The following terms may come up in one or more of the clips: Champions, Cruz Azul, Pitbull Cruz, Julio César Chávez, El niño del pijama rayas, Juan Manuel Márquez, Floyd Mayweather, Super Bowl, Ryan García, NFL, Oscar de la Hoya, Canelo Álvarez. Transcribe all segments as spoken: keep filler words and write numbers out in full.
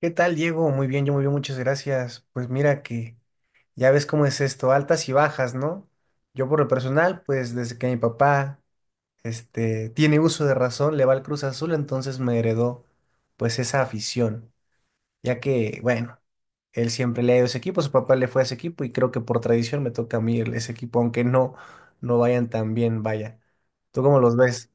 ¿Qué tal, Diego? Muy bien, yo muy bien, muchas gracias. Pues mira que ya ves cómo es esto, altas y bajas, ¿no? Yo por lo personal, pues desde que mi papá, este, tiene uso de razón, le va al Cruz Azul, entonces me heredó, pues esa afición, ya que, bueno, él siempre le ha ido a ese equipo, su papá le fue a ese equipo y creo que por tradición me toca a mí ese equipo, aunque no, no vayan tan bien, vaya. ¿Tú cómo los ves?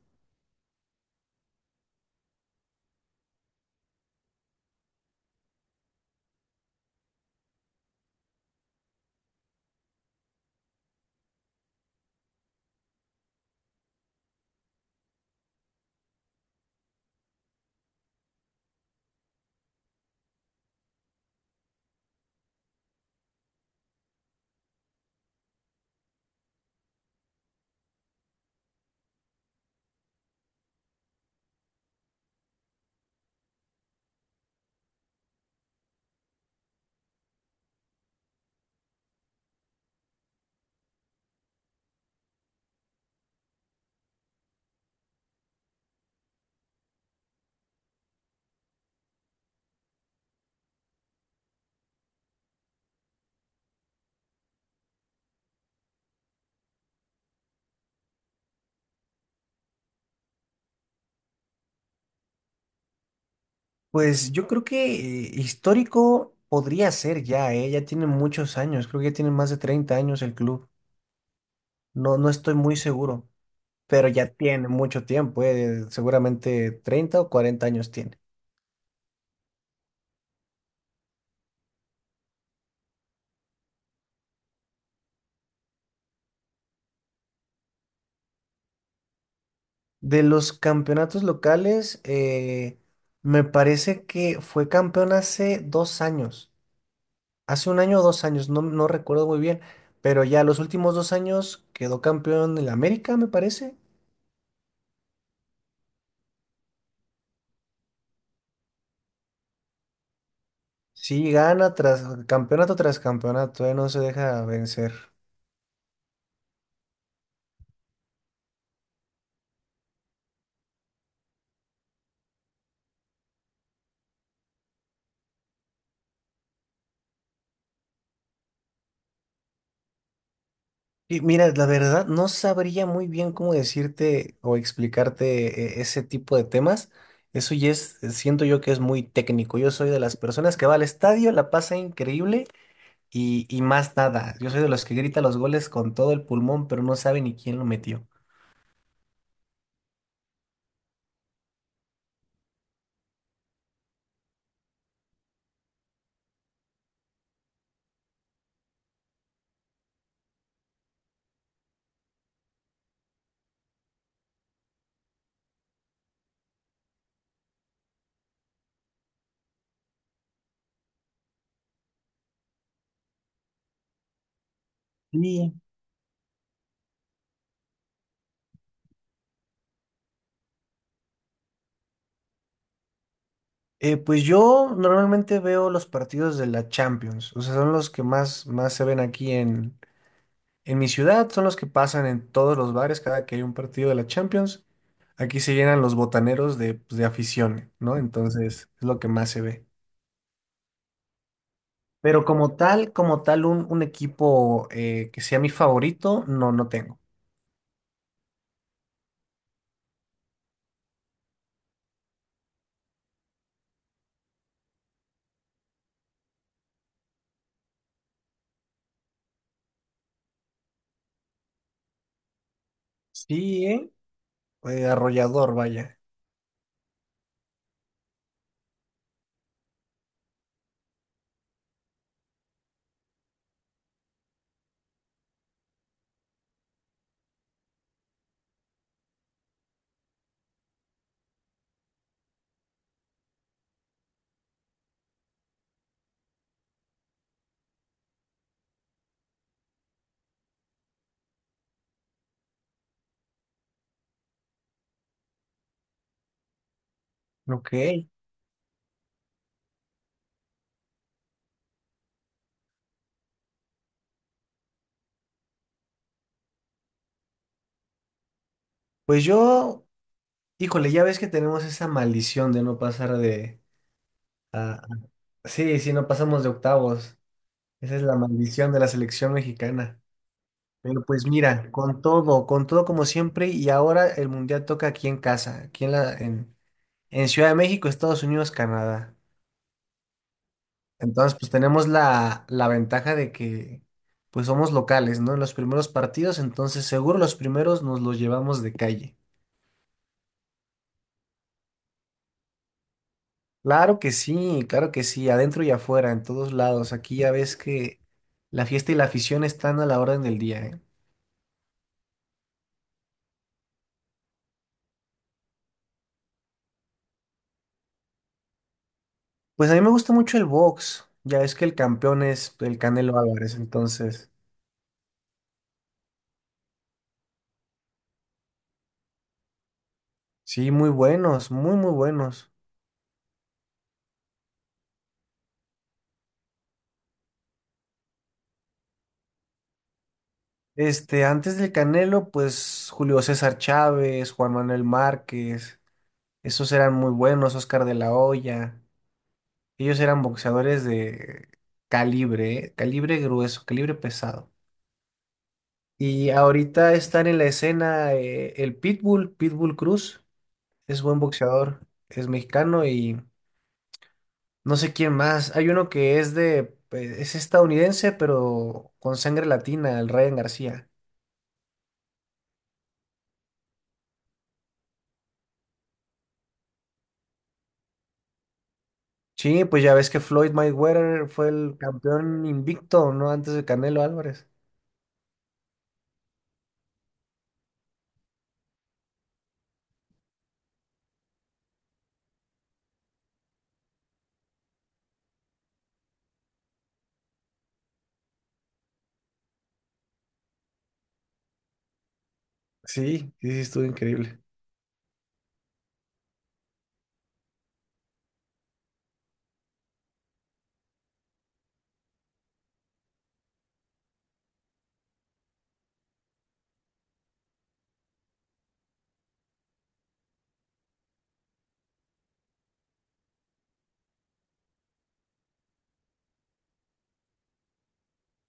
Pues yo creo que eh, histórico podría ser ya, ¿eh? Ya tiene muchos años, creo que ya tiene más de treinta años el club. No, no estoy muy seguro, pero ya tiene mucho tiempo, ¿eh? Seguramente treinta o cuarenta años tiene. De los campeonatos locales, eh, me parece que fue campeón hace dos años, hace un año o dos años, no, no recuerdo muy bien, pero ya los últimos dos años quedó campeón el América, me parece. Sí, gana tras campeonato tras campeonato, eh, no se deja vencer. Y mira, la verdad, no sabría muy bien cómo decirte o explicarte eh, ese tipo de temas. Eso ya es, siento yo que es muy técnico. Yo soy de las personas que va al estadio, la pasa increíble y, y más nada. Yo soy de los que grita los goles con todo el pulmón, pero no sabe ni quién lo metió. Sí, eh, pues yo normalmente veo los partidos de la Champions, o sea, son los que más, más se ven aquí en En mi ciudad son los que pasan en todos los bares cada que hay un partido de la Champions. Aquí se llenan los botaneros de, pues, de afición, ¿no? Entonces es lo que más se ve. Pero como tal, como tal, un, un equipo eh, que sea mi favorito, no, no tengo. Sí, ¿eh? Eh, arrollador, vaya. Ok. Pues yo, híjole, ya ves que tenemos esa maldición de no pasar de... a- a- sí, sí, no pasamos de octavos. Esa es la maldición de la selección mexicana. Pero pues mira, con todo, con todo como siempre, y ahora el mundial toca aquí en casa, aquí en la, en, en Ciudad de México, Estados Unidos, Canadá. Entonces, pues tenemos la, la ventaja de que pues somos locales, ¿no? En los primeros partidos, entonces seguro los primeros nos los llevamos de calle. Claro que sí, claro que sí, adentro y afuera, en todos lados. Aquí ya ves que la fiesta y la afición están a la orden del día, ¿eh? Pues a mí me gusta mucho el box. Ya ves que el campeón es el Canelo Álvarez, entonces. Sí, muy buenos, muy, muy buenos. Este, antes del Canelo, pues Julio César Chávez, Juan Manuel Márquez, esos eran muy buenos, Oscar de la Hoya. Ellos eran boxeadores de calibre, ¿eh? Calibre grueso, calibre pesado. Y ahorita están en la escena eh, el Pitbull, Pitbull Cruz, es buen boxeador, es mexicano y no sé quién más. Hay uno que es de, pues, es estadounidense, pero con sangre latina, el Ryan García. Sí, pues ya ves que Floyd Mayweather fue el campeón invicto, ¿no? Antes de Canelo Álvarez. Sí, sí, sí, estuvo increíble.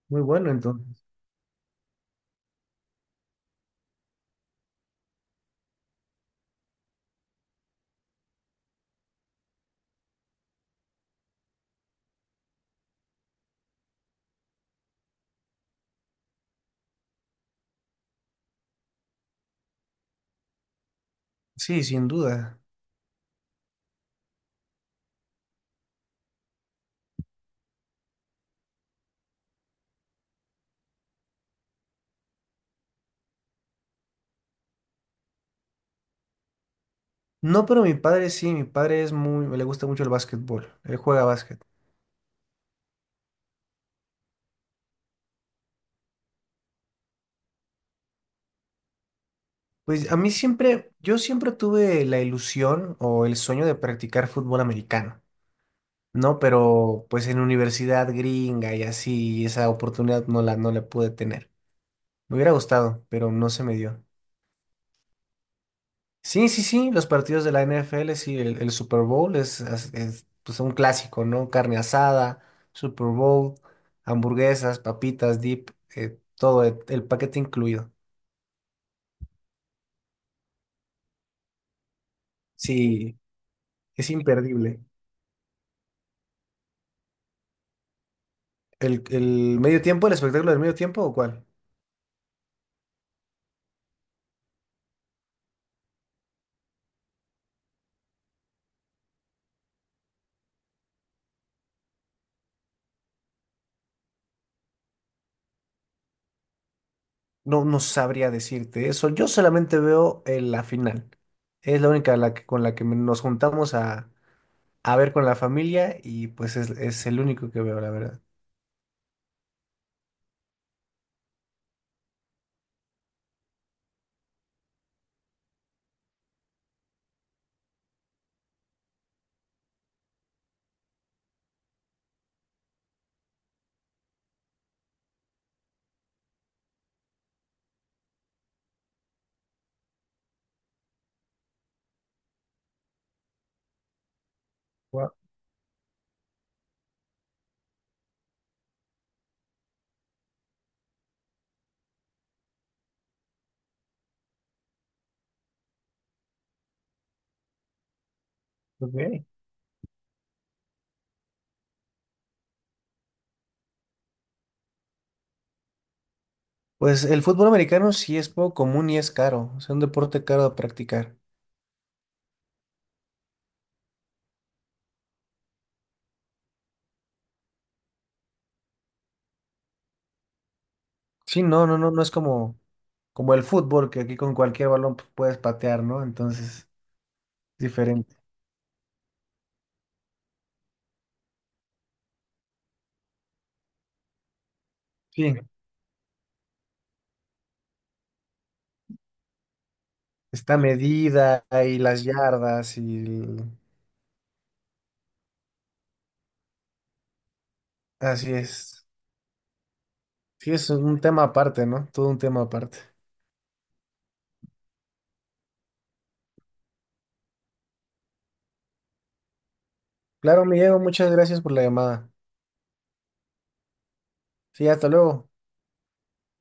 Muy bueno, entonces. Sí, sin duda. No, pero mi padre sí, mi padre es muy, le gusta mucho el básquetbol, él juega básquet. Pues a mí siempre, yo siempre tuve la ilusión o el sueño de practicar fútbol americano, ¿no? Pero pues en universidad gringa y así, esa oportunidad no la, no la pude tener. Me hubiera gustado, pero no se me dio. Sí, sí, sí, los partidos de la N F L, sí, el, el Super Bowl es, es- es, pues, un clásico, ¿no? Carne asada, Super Bowl, hamburguesas, papitas, dip, eh, todo el, el paquete incluido. Sí, es imperdible. ¿El, el medio tiempo, el espectáculo del medio tiempo o cuál? No, no sabría decirte eso. Yo solamente veo eh, la final. Es la única la que- con la que nos juntamos a, a ver con la familia y pues es, es el único que veo, la verdad. Wow, ok. Pues el fútbol americano sí es poco común y es caro, es un deporte caro de practicar. Sí, no, no, no, no es como, como el fútbol, que aquí con cualquier balón pues, puedes patear, ¿no? Entonces, es diferente. Sí, está medida y las yardas y... el- Así es. Sí, es un tema aparte, ¿no? Todo un tema aparte. Claro, Miguel, muchas gracias por la llamada. Sí, hasta luego.